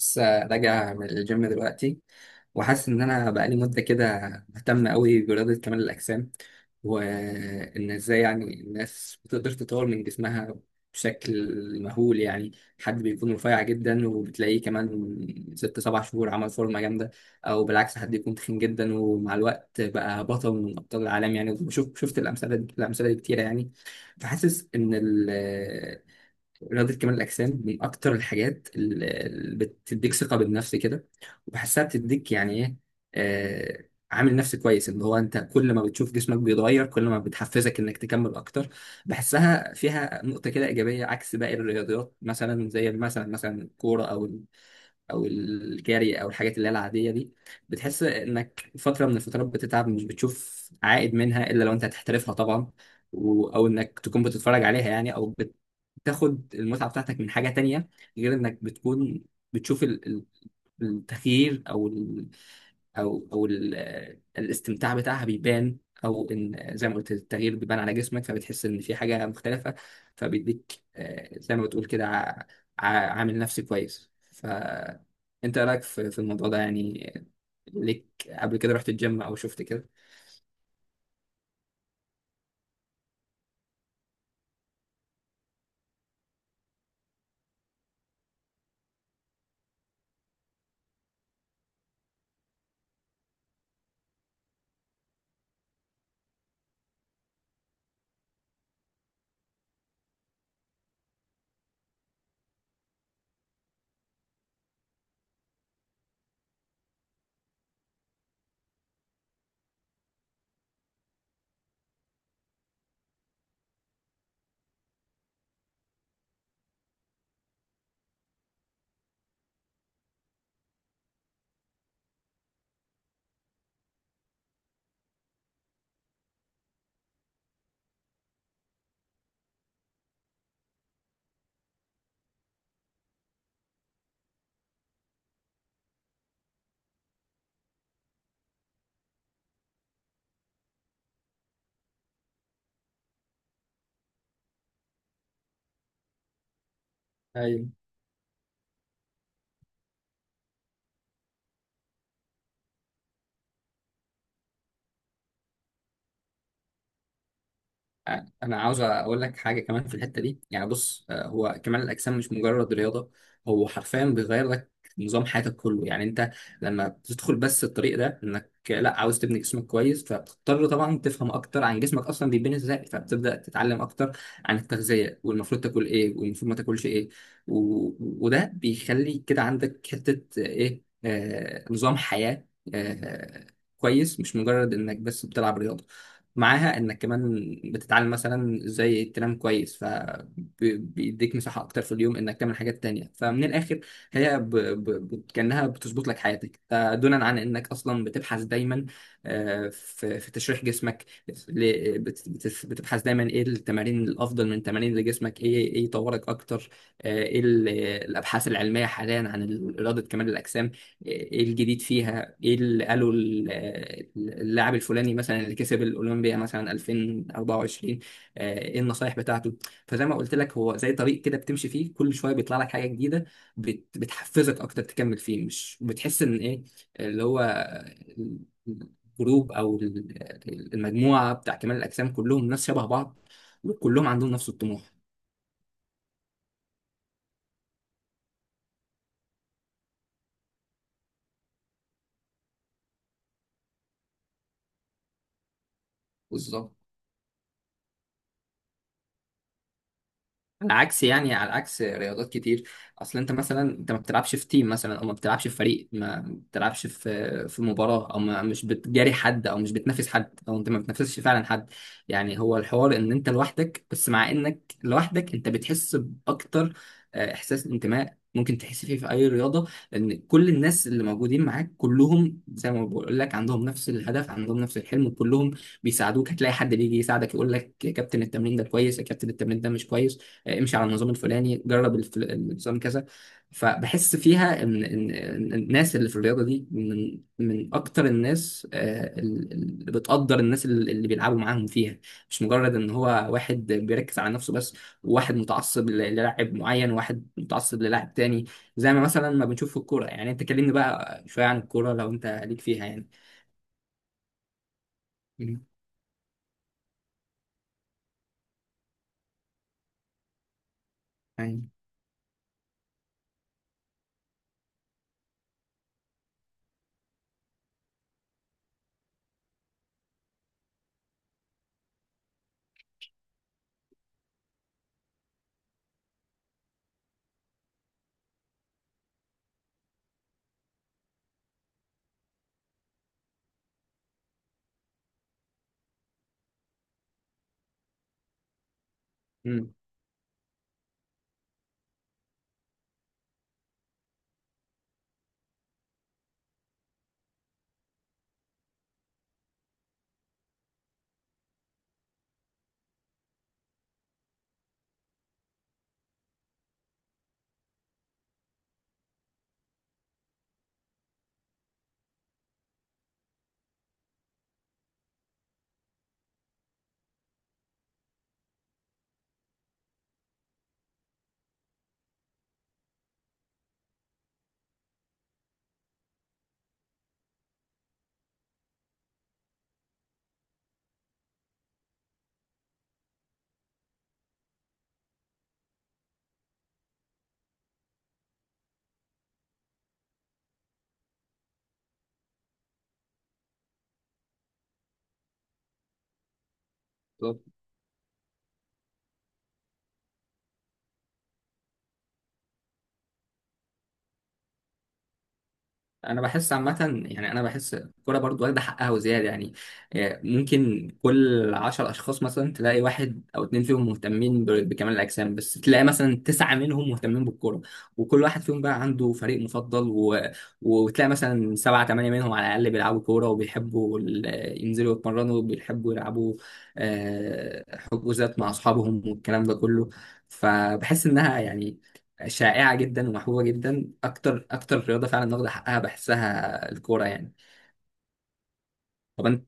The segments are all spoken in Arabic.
لسه راجع من الجيم دلوقتي، وحاسس ان انا بقالي مده كده مهتم قوي برياضه كمال الاجسام، وان ازاي يعني الناس بتقدر تطور من جسمها بشكل مهول يعني. حد بيكون رفيع جدا وبتلاقيه كمان ست سبع شهور عمل فورمه جامده، او بالعكس حد يكون تخين جدا ومع الوقت بقى بطل من ابطال العالم يعني. شفت الامثله دي كتيره يعني. فحاسس ان رياضة كمال الأجسام من أكتر الحاجات اللي بتديك ثقة بالنفس كده، وبحسها بتديك يعني إيه. عامل نفسي كويس، اللي هو أنت كل ما بتشوف جسمك بيتغير كل ما بتحفزك إنك تكمل أكتر. بحسها فيها نقطة كده إيجابية عكس باقي الرياضيات مثلا، زي مثلا الكورة أو او الجري او الحاجات اللي هي العاديه دي. بتحس انك فتره من الفترات بتتعب مش بتشوف عائد منها الا لو انت هتحترفها طبعا، او انك تكون بتتفرج عليها يعني، او بتاخد المتعه بتاعتك من حاجه تانية، غير انك بتكون بتشوف التغيير، او الاستمتاع بتاعها بيبان، او ان زي ما قلت التغيير بيبان على جسمك فبتحس ان في حاجه مختلفه. فبيديك زي ما بتقول كده ع- عامل نفسي كويس. فانت رايك في الموضوع ده يعني؟ ليك قبل كده رحت الجيم او شفت كده؟ ايوه، انا عاوز اقول لك حاجه كمان في الحته دي يعني. بص هو كمال الاجسام مش مجرد رياضه، هو حرفيا بيغير لك نظام حياتك كله يعني. انت لما بتدخل بس الطريق ده انك لا عاوز تبني جسمك كويس فبتضطر طبعا تفهم اكتر عن جسمك اصلا بيتبني ازاي، فبتبدا تتعلم اكتر عن التغذيه والمفروض تاكل ايه والمفروض ما تاكلش ايه، و... وده بيخلي كده عندك حته، ايه، نظام حياه آه كويس، مش مجرد انك بس بتلعب رياضه. معاها انك كمان بتتعلم مثلا ازاي تنام كويس، فبيديك مساحة اكتر في اليوم انك تعمل حاجات تانية. فمن الاخر هي كأنها بتظبط لك حياتك، ده دونا عن انك اصلا بتبحث دايما في تشريح جسمك، بتبحث دايما ايه التمارين الافضل من تمارين لجسمك، ايه ايه يطورك اكتر. ايه الابحاث العلمية حاليا عن رياضة كمال الاجسام، ايه الجديد فيها، ايه اللي قالوا اللاعب الفلاني مثلا اللي كسب الاولمبيا مثلا 2024. ايه النصايح بتاعته. فزي ما قلت لك هو زي طريق كده بتمشي فيه كل شويه بيطلع لك حاجه جديده، بتحفزك اكتر تكمل فيه، مش بتحس ان ايه اللي هو الجروب او المجموعه بتاع كمال الاجسام كلهم ناس شبه بعض، وكلهم عندهم نفس الطموح. بالظبط. على عكس يعني على عكس رياضات كتير، اصل انت مثلا انت ما بتلعبش في تيم مثلا، او ما بتلعبش في فريق، ما بتلعبش في مباراه، او ما مش بتجاري حد او مش بتنافس حد، او انت ما بتنافسش فعلا حد. يعني هو الحوار ان انت لوحدك بس، مع انك لوحدك انت بتحس باكتر احساس انتماء ممكن تحس فيه في اي رياضه، لان كل الناس اللي موجودين معاك كلهم زي ما بقول لك عندهم نفس الهدف، عندهم نفس الحلم، كلهم بيساعدوك. هتلاقي حد بيجي يساعدك يقول لك يا كابتن التمرين ده كويس، يا كابتن التمرين ده مش كويس، امشي على النظام الفلاني، جرب النظام كذا. فبحس فيها ان ان إن الناس اللي في الرياضه دي من اكتر الناس، اللي بتقدر الناس اللي بيلعبوا معاهم فيها، مش مجرد ان هو واحد بيركز على نفسه بس، وواحد متعصب للاعب معين وواحد متعصب للاعب تاني، زي ما مثلا ما بنشوف في الكوره يعني. انت كلمني بقى شويه عن الكوره لو انت ليك فيها يعني. مم. يعني مم. انا بحس عامه يعني، انا بحس الكوره برضو واخده حقها وزياده يعني. ممكن كل عشر اشخاص مثلا تلاقي واحد او اتنين فيهم مهتمين بكمال الاجسام، بس تلاقي مثلا تسعه منهم مهتمين بالكوره، وكل واحد فيهم بقى عنده فريق مفضل، وتلاقي مثلا سبعه ثمانيه منهم على الاقل بيلعبوا كوره، وبيحبوا ينزلوا يتمرنوا، وبيحبوا يلعبوا آه، حجوزات مع اصحابهم والكلام ده كله. فبحس انها يعني شائعة جدا ومحبوبة جدا، أكتر رياضة فعلا واخدة حقها بحسها الكورة يعني. طب أنت؟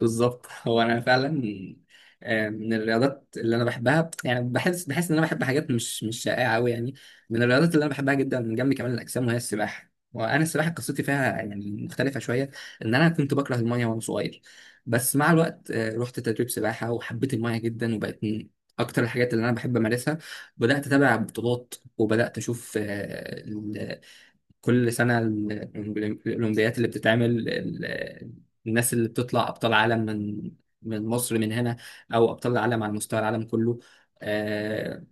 بالظبط. هو أنا فعلا من الرياضات اللي أنا بحبها يعني، بحس إن أنا بحب حاجات مش شائعة أوي يعني. من الرياضات اللي أنا بحبها جدا من جنب كمال الأجسام وهي السباحة. وأنا السباحة قصتي فيها يعني مختلفة شوية، إن أنا كنت بكره المية وأنا صغير، بس مع الوقت رحت تدريب سباحة وحبيت المية جدا، وبقت من أكتر الحاجات اللي أنا بحب أمارسها. بدأت أتابع بطولات، وبدأت أشوف كل سنة الأولمبيات اللي بتتعمل، الناس اللي بتطلع أبطال عالم من مصر من هنا، أو أبطال العالم على مستوى العالم كله. آه،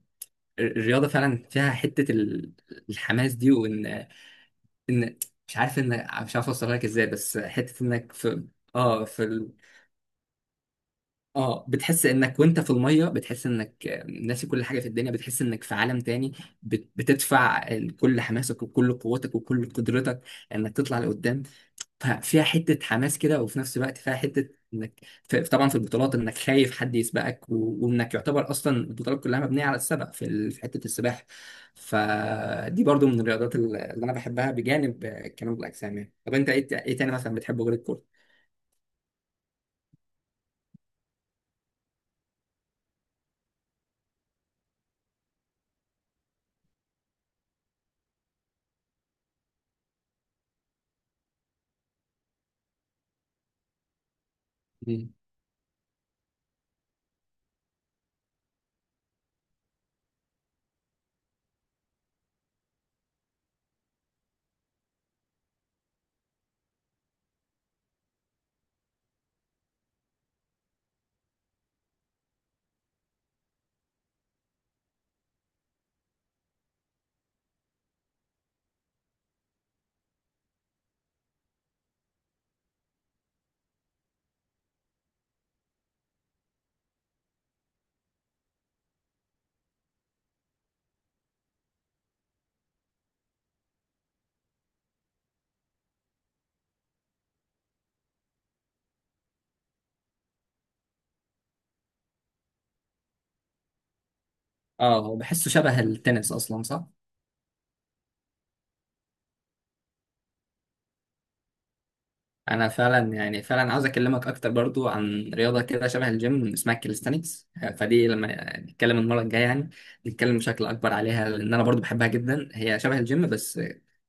الرياضة فعلا فيها حتة الحماس دي، وإن إن مش عارف إن مش عارف أوصلها لك إزاي، بس حتة إنك في آه في ال... اه بتحس انك وانت في الميه بتحس انك ناسي كل حاجه في الدنيا، بتحس انك في عالم تاني. بتدفع كل حماسك وكل قوتك وكل قدرتك انك تطلع لقدام. ففيها حته حماس كده، وفي نفس الوقت فيها حته انك طبعا في البطولات انك خايف حد يسبقك، وانك يعتبر اصلا البطولات كلها مبنيه على السبق في في حته السباحه. فدي برضو من الرياضات اللي انا بحبها بجانب كمال الاجسام يعني. طب انت ايه ايه تاني مثلا بتحبه غير الكوره؟ مم. اه، هو بحسه شبه التنس اصلا، صح؟ انا فعلا يعني، فعلا عاوز اكلمك اكتر برضو عن رياضه كده شبه الجيم اسمها الكاليستانكس. فدي لما نتكلم المره الجايه يعني، نتكلم بشكل اكبر عليها، لان انا برضو بحبها جدا. هي شبه الجيم بس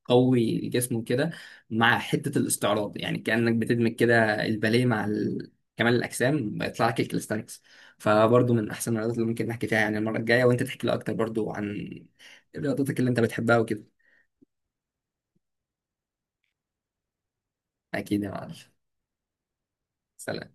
قوي الجسم وكده، مع حته الاستعراض يعني، كانك بتدمج كده الباليه مع كمال الاجسام بيطلع لك الكاليستانكس. فبرضو من احسن الرياضات اللي ممكن نحكي فيها يعني المره الجايه، وانت تحكي لي اكتر برضو عن رياضتك اللي انت بتحبها وكده. اكيد يا معلم. سلام.